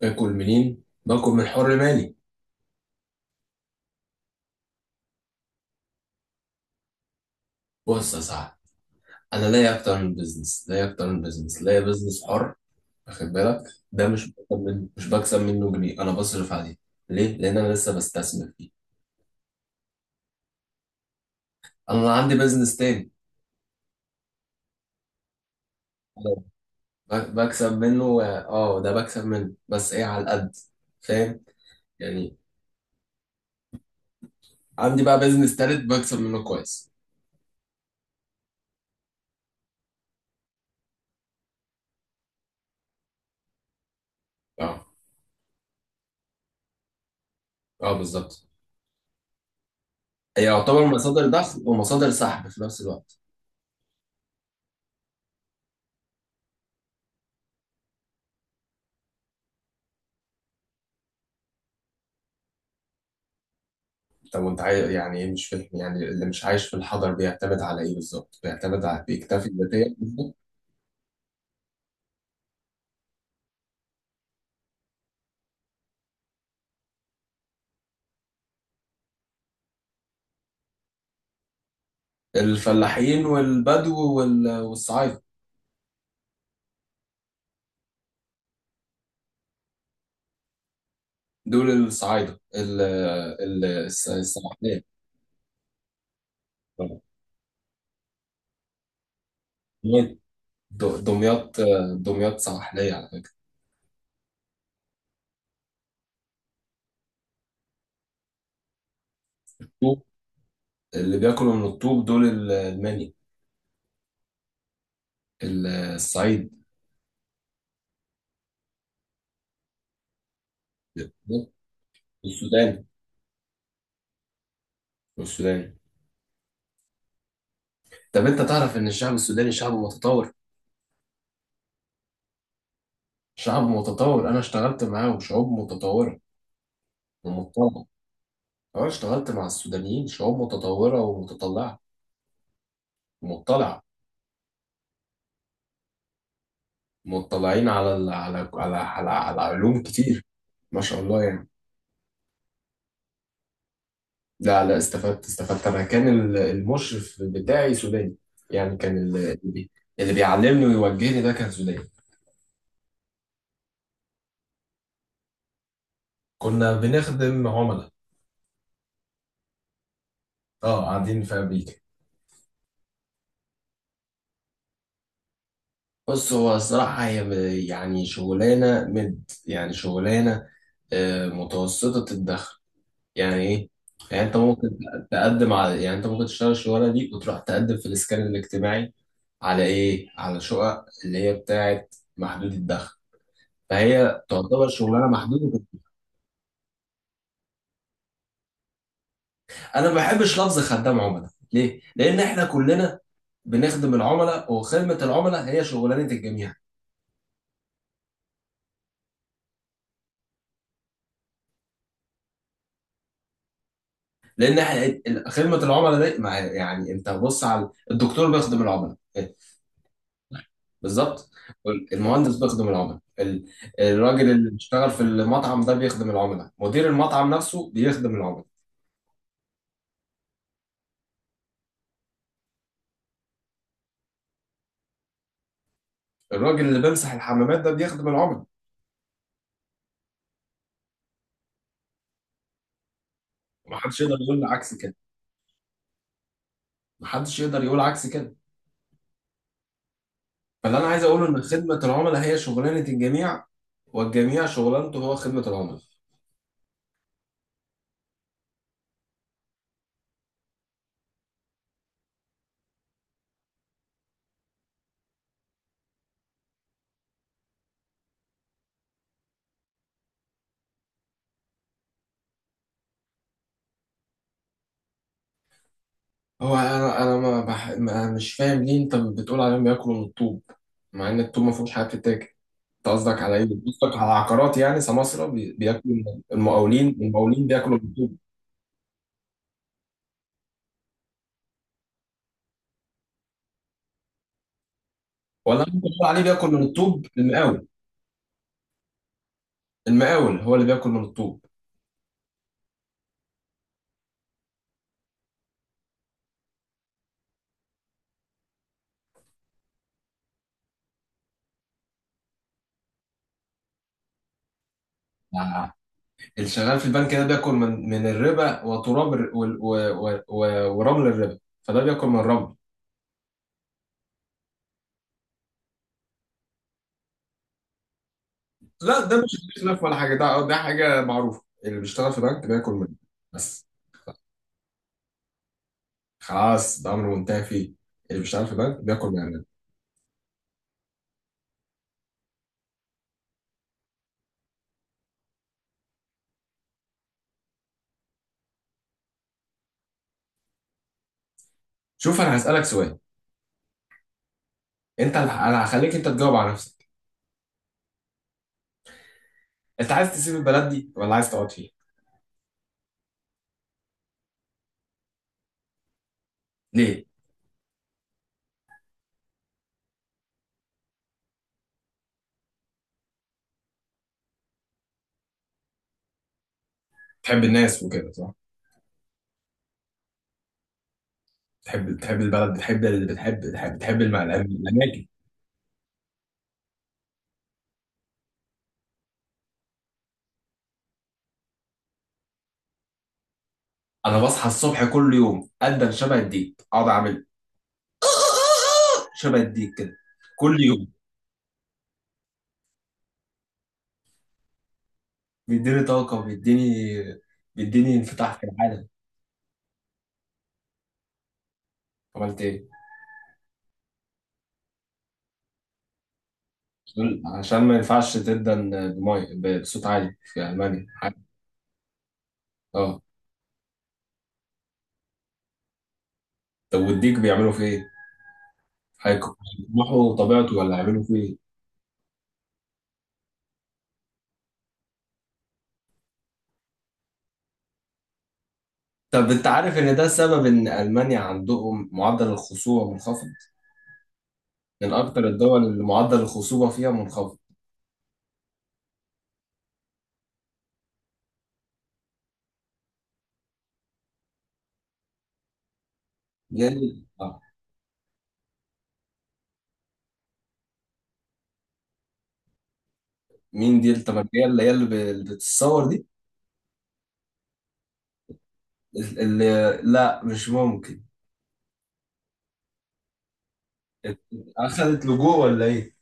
باكل منين؟ باكل من حر مالي. بص يا صاحبي، انا لاقي اكتر من بزنس، لاقي بزنس حر. واخد بالك؟ ده مش بكسب منه جنيه، انا بصرف عليه. ليه؟ لان انا لسه بستثمر فيه. انا عندي بزنس تاني. أنا بكسب منه، اه، ده بكسب منه بس ايه، على القد. فاهم يعني؟ عندي بقى بزنس تالت بكسب منه كويس. اه. اه بالظبط. هي يعتبر مصادر دخل ومصادر سحب في نفس الوقت. طب وانت عايز يعني ايه؟ مش فاهم، يعني اللي مش عايش في الحضر بيعتمد على ايه بالظبط؟ بيعتمد على، بيكتفي ذاتيا بالظبط؟ الفلاحين والبدو والصعايدة. دول الصعايدة السواحلية. دمياط. دمياط، دمياط سواحلية على فكرة. الطوب، اللي بياكلوا من الطوب دول المني، الصعيد. السودان. السودان، طب انت تعرف ان الشعب السوداني شعب متطور؟ شعب متطور، انا اشتغلت معاه وشعوب متطورة ومتطورة. أنا اشتغلت مع السودانيين شعوب متطورة ومتطلعة. مطلعة. مطلعين على ال... على على على, على علوم كتير، ما شاء الله يعني. لا لا، استفدت، استفدت، أنا كان المشرف بتاعي سوداني، يعني كان اللي بيعلمني ويوجهني ده كان سوداني. كنا بنخدم عملاء. اه قاعدين في أمريكا. بص، هو الصراحة هي شغلانة، آه، متوسطة الدخل. يعني ايه؟ يعني انت ممكن تقدم على يعني انت ممكن تشتغل الشغلانه دي وتروح تقدم في الاسكان الاجتماعي، على ايه، على شقق اللي هي بتاعه محدود الدخل، فهي تعتبر شغلانه محدوده. انا ما بحبش لفظ خدام عملاء. ليه؟ لان احنا كلنا بنخدم العملاء، وخدمه العملاء هي شغلانه الجميع. لان احنا خدمه العملاء دي انت بص على الدكتور بيخدم العملاء. بالظبط. المهندس بيخدم العملاء، الراجل اللي بيشتغل في المطعم ده بيخدم العملاء، مدير المطعم نفسه بيخدم العملاء. الراجل اللي بيمسح الحمامات ده بيخدم العملاء. محدش يقدر يقول عكس كده. محدش يقدر يقول عكس كده. فاللي انا عايز اقوله ان خدمة العملاء هي شغلانة الجميع، والجميع شغلانته هو خدمة العملاء. هو انا ما, بح... ما مش فاهم ليه انت بتقول عليهم بياكلوا من الطوب، مع ان الطوب ما فيهوش حاجه بتتاكل. انت قصدك على ايه؟ قصدك على عقارات، يعني سماسرة بياكلوا من المقاولين، المقاولين بياكلوا من الطوب؟ ولا انت بتقول عليه بياكل من الطوب المقاول؟ المقاول هو اللي بياكل من الطوب. آه. الشغال في البنك ده بياكل من الربا، وتراب ورمل الربا، فده بياكل من الرمل. لا ده مش خلاف ولا حاجه، ده ده حاجه معروفه، اللي بيشتغل في بنك بياكل منه بس. خلاص، ده امر منتهي فيه. اللي بيشتغل في بنك بياكل من عندنا. شوف، انا هسالك سؤال. انت، انا هخليك انت تجاوب على نفسك. انت عايز تسيب البلد دي ولا عايز تقعد فيها؟ ليه؟ تحب الناس وكده، صح؟ تحب، تحب البلد، بتحب اللي بتحب، بتحب، تحب الاماكن. انا بصحى الصبح كل يوم ادن شبه الديك، اقعد اعمل شبه الديك كده، كل يوم. بيديني طاقه، بيديني، بيديني انفتاح في العالم. عملت ايه؟ عشان ما ينفعش تدن بمي، بصوت عالي في المانيا. اه. طب والديك بيعملوا فيه ايه؟ هيقمحوا طبيعته ولا هيعملوا فيه ايه؟ طب انت عارف ان ده سبب ان المانيا عندهم معدل الخصوبه منخفض؟ من اكتر الدول اللي معدل الخصوبه فيها منخفض. يعني آه. مين دي التمكيه اللي هي اللي بتتصور دي؟ اللي، لا مش ممكن. اخذت لجوء ولا ايه؟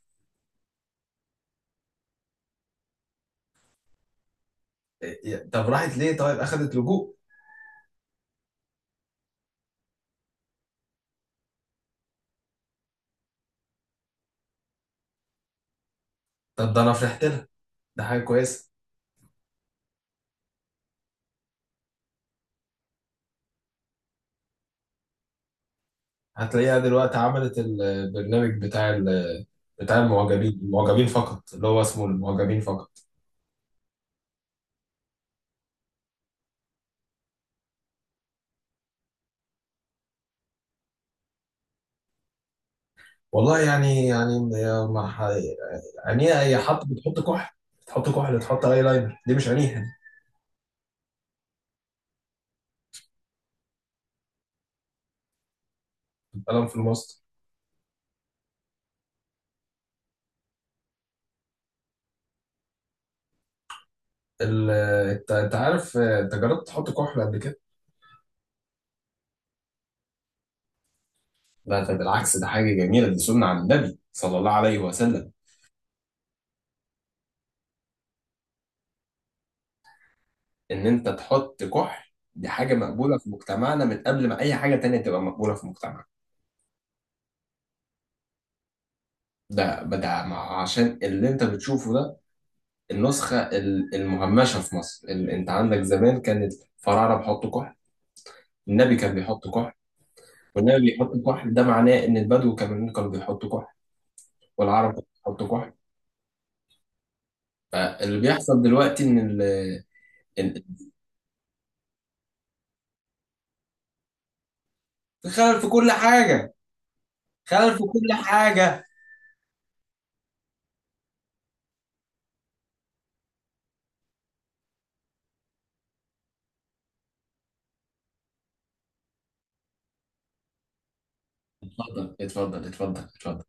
طب راحت ليه؟ طيب اخذت لجوء؟ طب ده انا فرحت لها، ده حاجه كويسه. هتلاقيها دلوقتي عملت البرنامج بتاع بتاع المعجبين فقط، اللي هو اسمه المعجبين فقط. والله يعني، يعني هي بتحط كحل، بتحط كحل، تحط اي لاينر، دي مش عينيها. دي القلم في الماست. ال- انت انت عارف انت جربت تحط كحل قبل كده؟ لا ده بالعكس، ده حاجة جميلة، دي سنة عن النبي صلى الله عليه وسلم. ان انت تحط كحل دي حاجة مقبولة في مجتمعنا من قبل ما اي حاجة تانية تبقى مقبولة في مجتمعنا. عشان اللي انت بتشوفه ده النسخة المهمشة في مصر. انت عندك زمان كانت فراعنة بيحطوا كحل. النبي كان بيحط كحل. والنبي بيحط كحل ده معناه ان البدو كمان كانوا بيحطوا كحل. والعرب كانوا بيحطوا كحل. فاللي بيحصل دلوقتي ان ال- خلل في كل حاجة، خلل في كل حاجة. اتفضل اتفضل اتفضل اتفضل.